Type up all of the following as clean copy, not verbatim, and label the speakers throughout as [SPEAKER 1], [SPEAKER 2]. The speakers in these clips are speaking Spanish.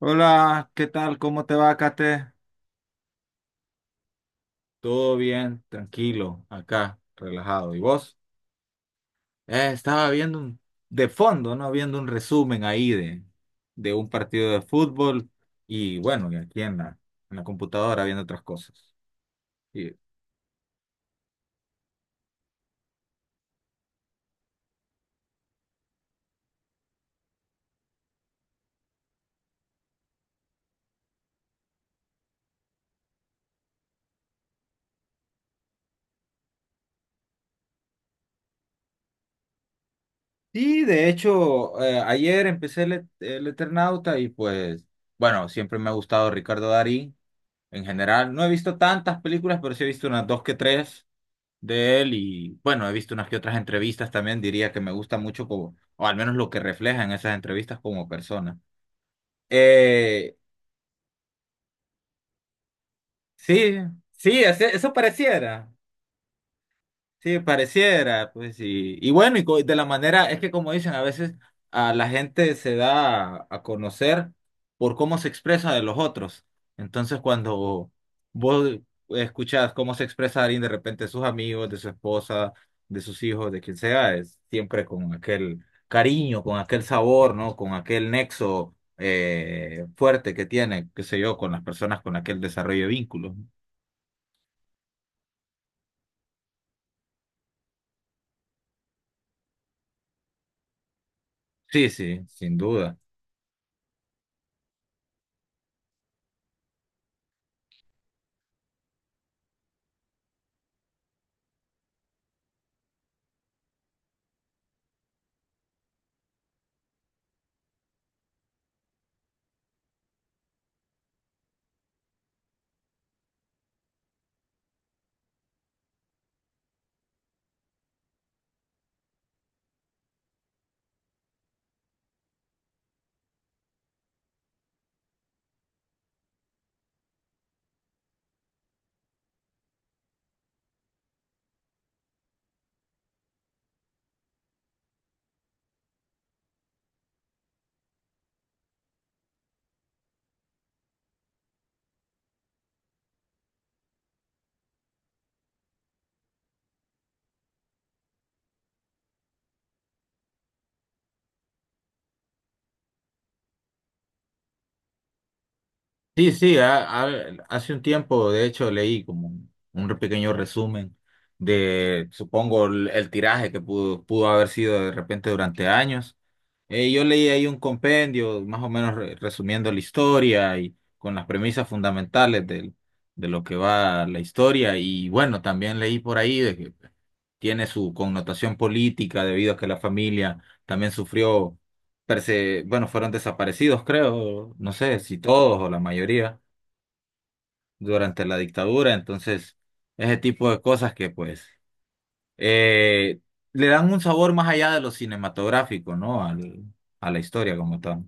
[SPEAKER 1] Hola, ¿qué tal? ¿Cómo te va, Kate? Todo bien, tranquilo, acá, relajado. ¿Y vos? Estaba viendo de fondo, ¿no? Viendo un resumen ahí de un partido de fútbol y bueno, y aquí en en la computadora viendo otras cosas. Y, de hecho, ayer empecé el Eternauta y pues, bueno, siempre me ha gustado Ricardo Darín en general. No he visto tantas películas, pero sí he visto unas dos que tres de él. Y bueno, he visto unas que otras entrevistas también. Diría que me gusta mucho como, o al menos lo que refleja en esas entrevistas como persona. Eh, sí, sí, eso pareciera. Sí, pareciera, pues. Y bueno, de la manera, es que como dicen, a veces a la gente se da a conocer por cómo se expresa de los otros. Entonces, cuando vos escuchás cómo se expresa alguien de repente de sus amigos, de su esposa, de sus hijos, de quien sea, es siempre con aquel cariño, con aquel sabor, ¿no? Con aquel nexo fuerte que tiene, qué sé yo, con las personas, con aquel desarrollo de vínculos, ¿no? Sí, sí, sin duda. Sí, sí, hace un tiempo, de hecho, leí como un pequeño resumen de, supongo, el tiraje que pudo haber sido de repente durante años. Yo leí ahí un compendio, más o menos resumiendo la historia y con las premisas fundamentales de lo que va la historia. Y bueno, también leí por ahí de que tiene su connotación política debido a que la familia también sufrió bueno, fueron desaparecidos, creo, no sé si todos o la mayoría durante la dictadura. Entonces ese tipo de cosas que pues eh, le dan un sabor más allá de lo cinematográfico, ¿no? Al, a la historia como tal.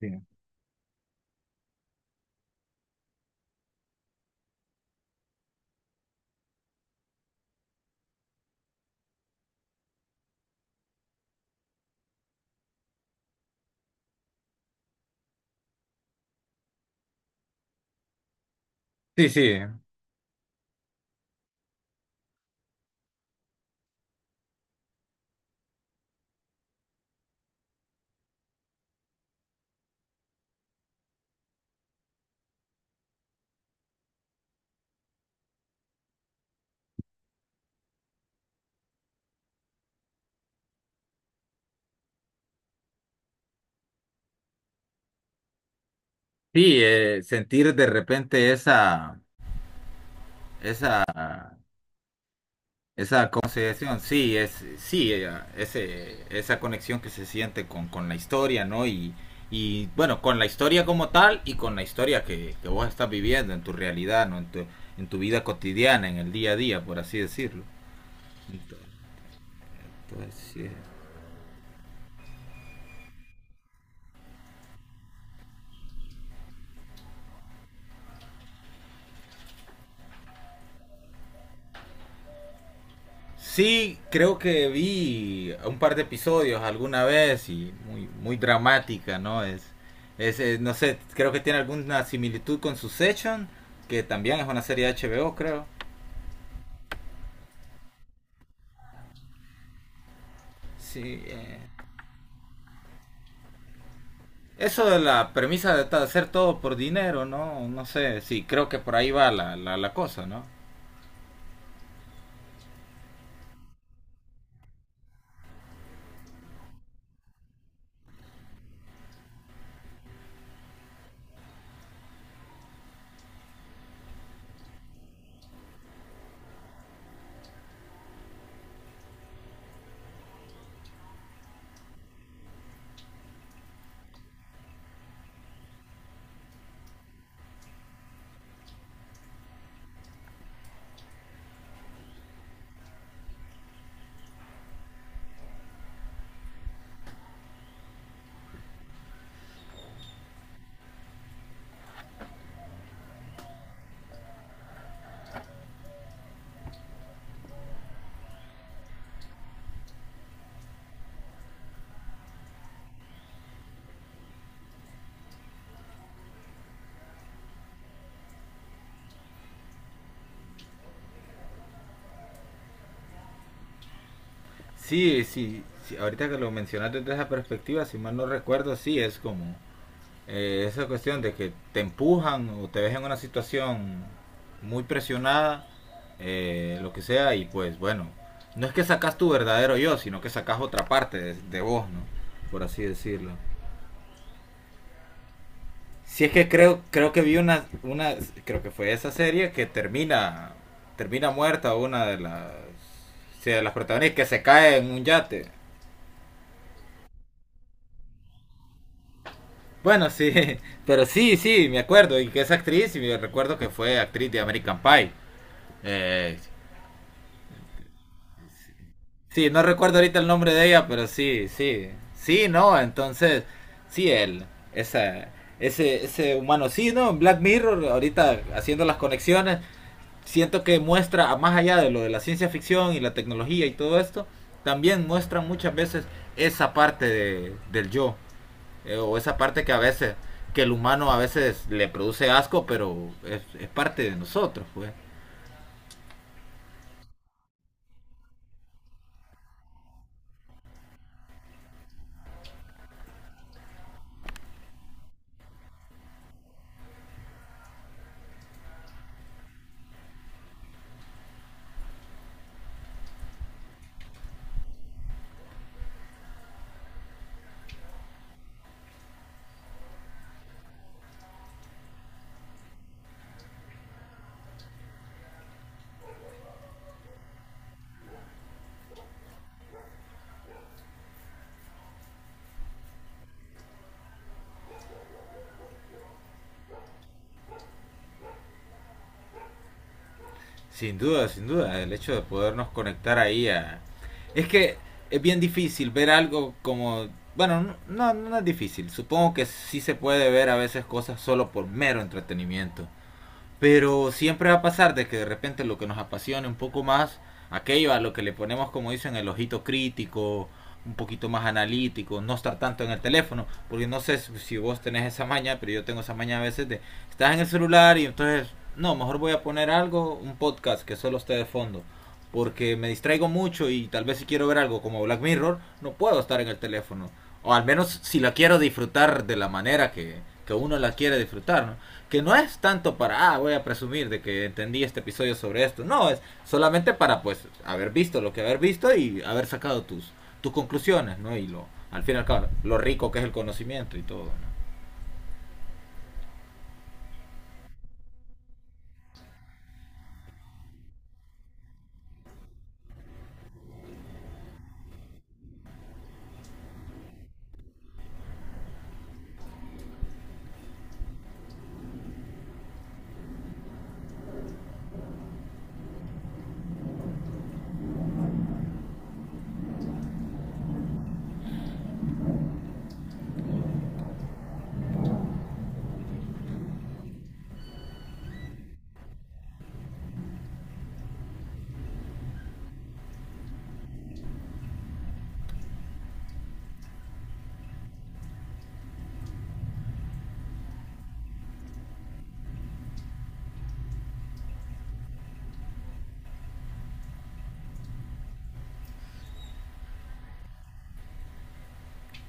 [SPEAKER 1] Sí, sí, sí, sí, sentir de repente esa esa consideración. Sí, es, sí, esa conexión que se siente con la historia, ¿no? Y, y bueno, con la historia como tal y con la historia que vos estás viviendo en tu realidad, ¿no? En tu vida cotidiana, en el día a día, por así decirlo. Ento- entonces, sí. Sí, creo que vi un par de episodios alguna vez y muy, muy dramática, ¿no? Es, no sé, creo que tiene alguna similitud con Succession, que también es una serie de HBO, creo. Sí, eso de la premisa de hacer todo por dinero, ¿no? No sé, sí, creo que por ahí va la, la, la cosa, ¿no? Sí, sí, sí, ahorita que lo mencionaste desde esa perspectiva, si mal no recuerdo, sí, es como esa cuestión de que te empujan o te ves en una situación muy presionada, lo que sea, y pues bueno, no es que sacas tu verdadero yo, sino que sacas otra parte de vos, ¿no? Por así decirlo. Si es que creo, creo que vi una, creo que fue esa serie que termina, termina muerta una de las, sí, de las protagonistas que se cae en un yate. Bueno, sí, pero sí, sí, me acuerdo, y que es actriz, y me recuerdo que fue actriz de American Pie. Eh, sí, no recuerdo ahorita el nombre de ella, pero sí, sí, sí, no, entonces, sí, él, esa, ese humano, sí, ¿no? En Black Mirror, ahorita haciendo las conexiones, siento que muestra, más allá de lo de la ciencia ficción y la tecnología y todo esto, también muestra muchas veces esa parte de, del yo, o esa parte que a veces, que el humano a veces le produce asco, pero es parte de nosotros, pues. Sin duda, sin duda, el hecho de podernos conectar ahí a... Es que es bien difícil ver algo como... Bueno, no, no, no es difícil. Supongo que sí se puede ver a veces cosas solo por mero entretenimiento. Pero siempre va a pasar de que de repente lo que nos apasione un poco más, aquello a lo que le ponemos, como dicen, el ojito crítico, un poquito más analítico, no estar tanto en el teléfono, porque no sé si si vos tenés esa maña, pero yo tengo esa maña a veces de estás en el celular y entonces, no, mejor voy a poner algo, un podcast que solo esté de fondo, porque me distraigo mucho y tal vez si quiero ver algo como Black Mirror, no puedo estar en el teléfono, o al menos si la quiero disfrutar de la manera que uno la quiere disfrutar, ¿no? Que no es tanto para, ah, voy a presumir de que entendí este episodio sobre esto. No, es solamente para, pues, haber visto lo que haber visto y haber sacado tus, tus conclusiones, ¿no? Y lo, al fin y al cabo, lo rico que es el conocimiento y todo, ¿no?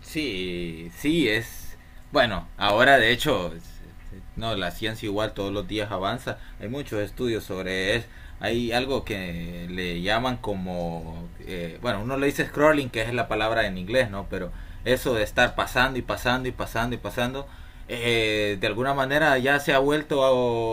[SPEAKER 1] Sí, sí, es... Bueno, ahora de hecho, no, la ciencia igual todos los días avanza. Hay muchos estudios sobre eso. Hay algo que le llaman como... bueno, uno le dice scrolling, que es la palabra en inglés, ¿no? Pero eso de estar pasando y pasando y pasando y pasando, de alguna manera ya se ha vuelto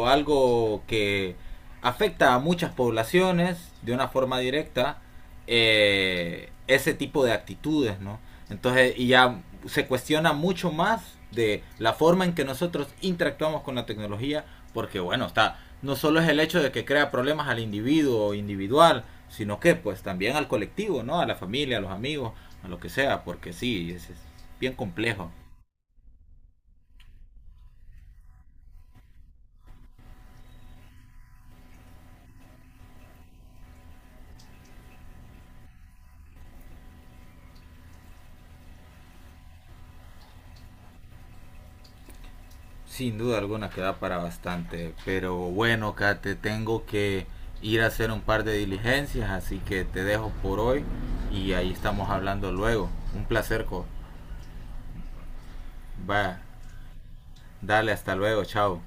[SPEAKER 1] algo que afecta a muchas poblaciones de una forma directa, ese tipo de actitudes, ¿no? Entonces, y ya se cuestiona mucho más de la forma en que nosotros interactuamos con la tecnología, porque bueno, está, no solo es el hecho de que crea problemas al individuo individual, sino que pues también al colectivo, ¿no? A la familia, a los amigos, a lo que sea, porque sí, es bien complejo. Sin duda alguna que da para bastante, pero bueno, Kate, tengo que ir a hacer un par de diligencias, así que te dejo por hoy y ahí estamos hablando luego. Un placer, co. Bye. Dale, hasta luego, chao.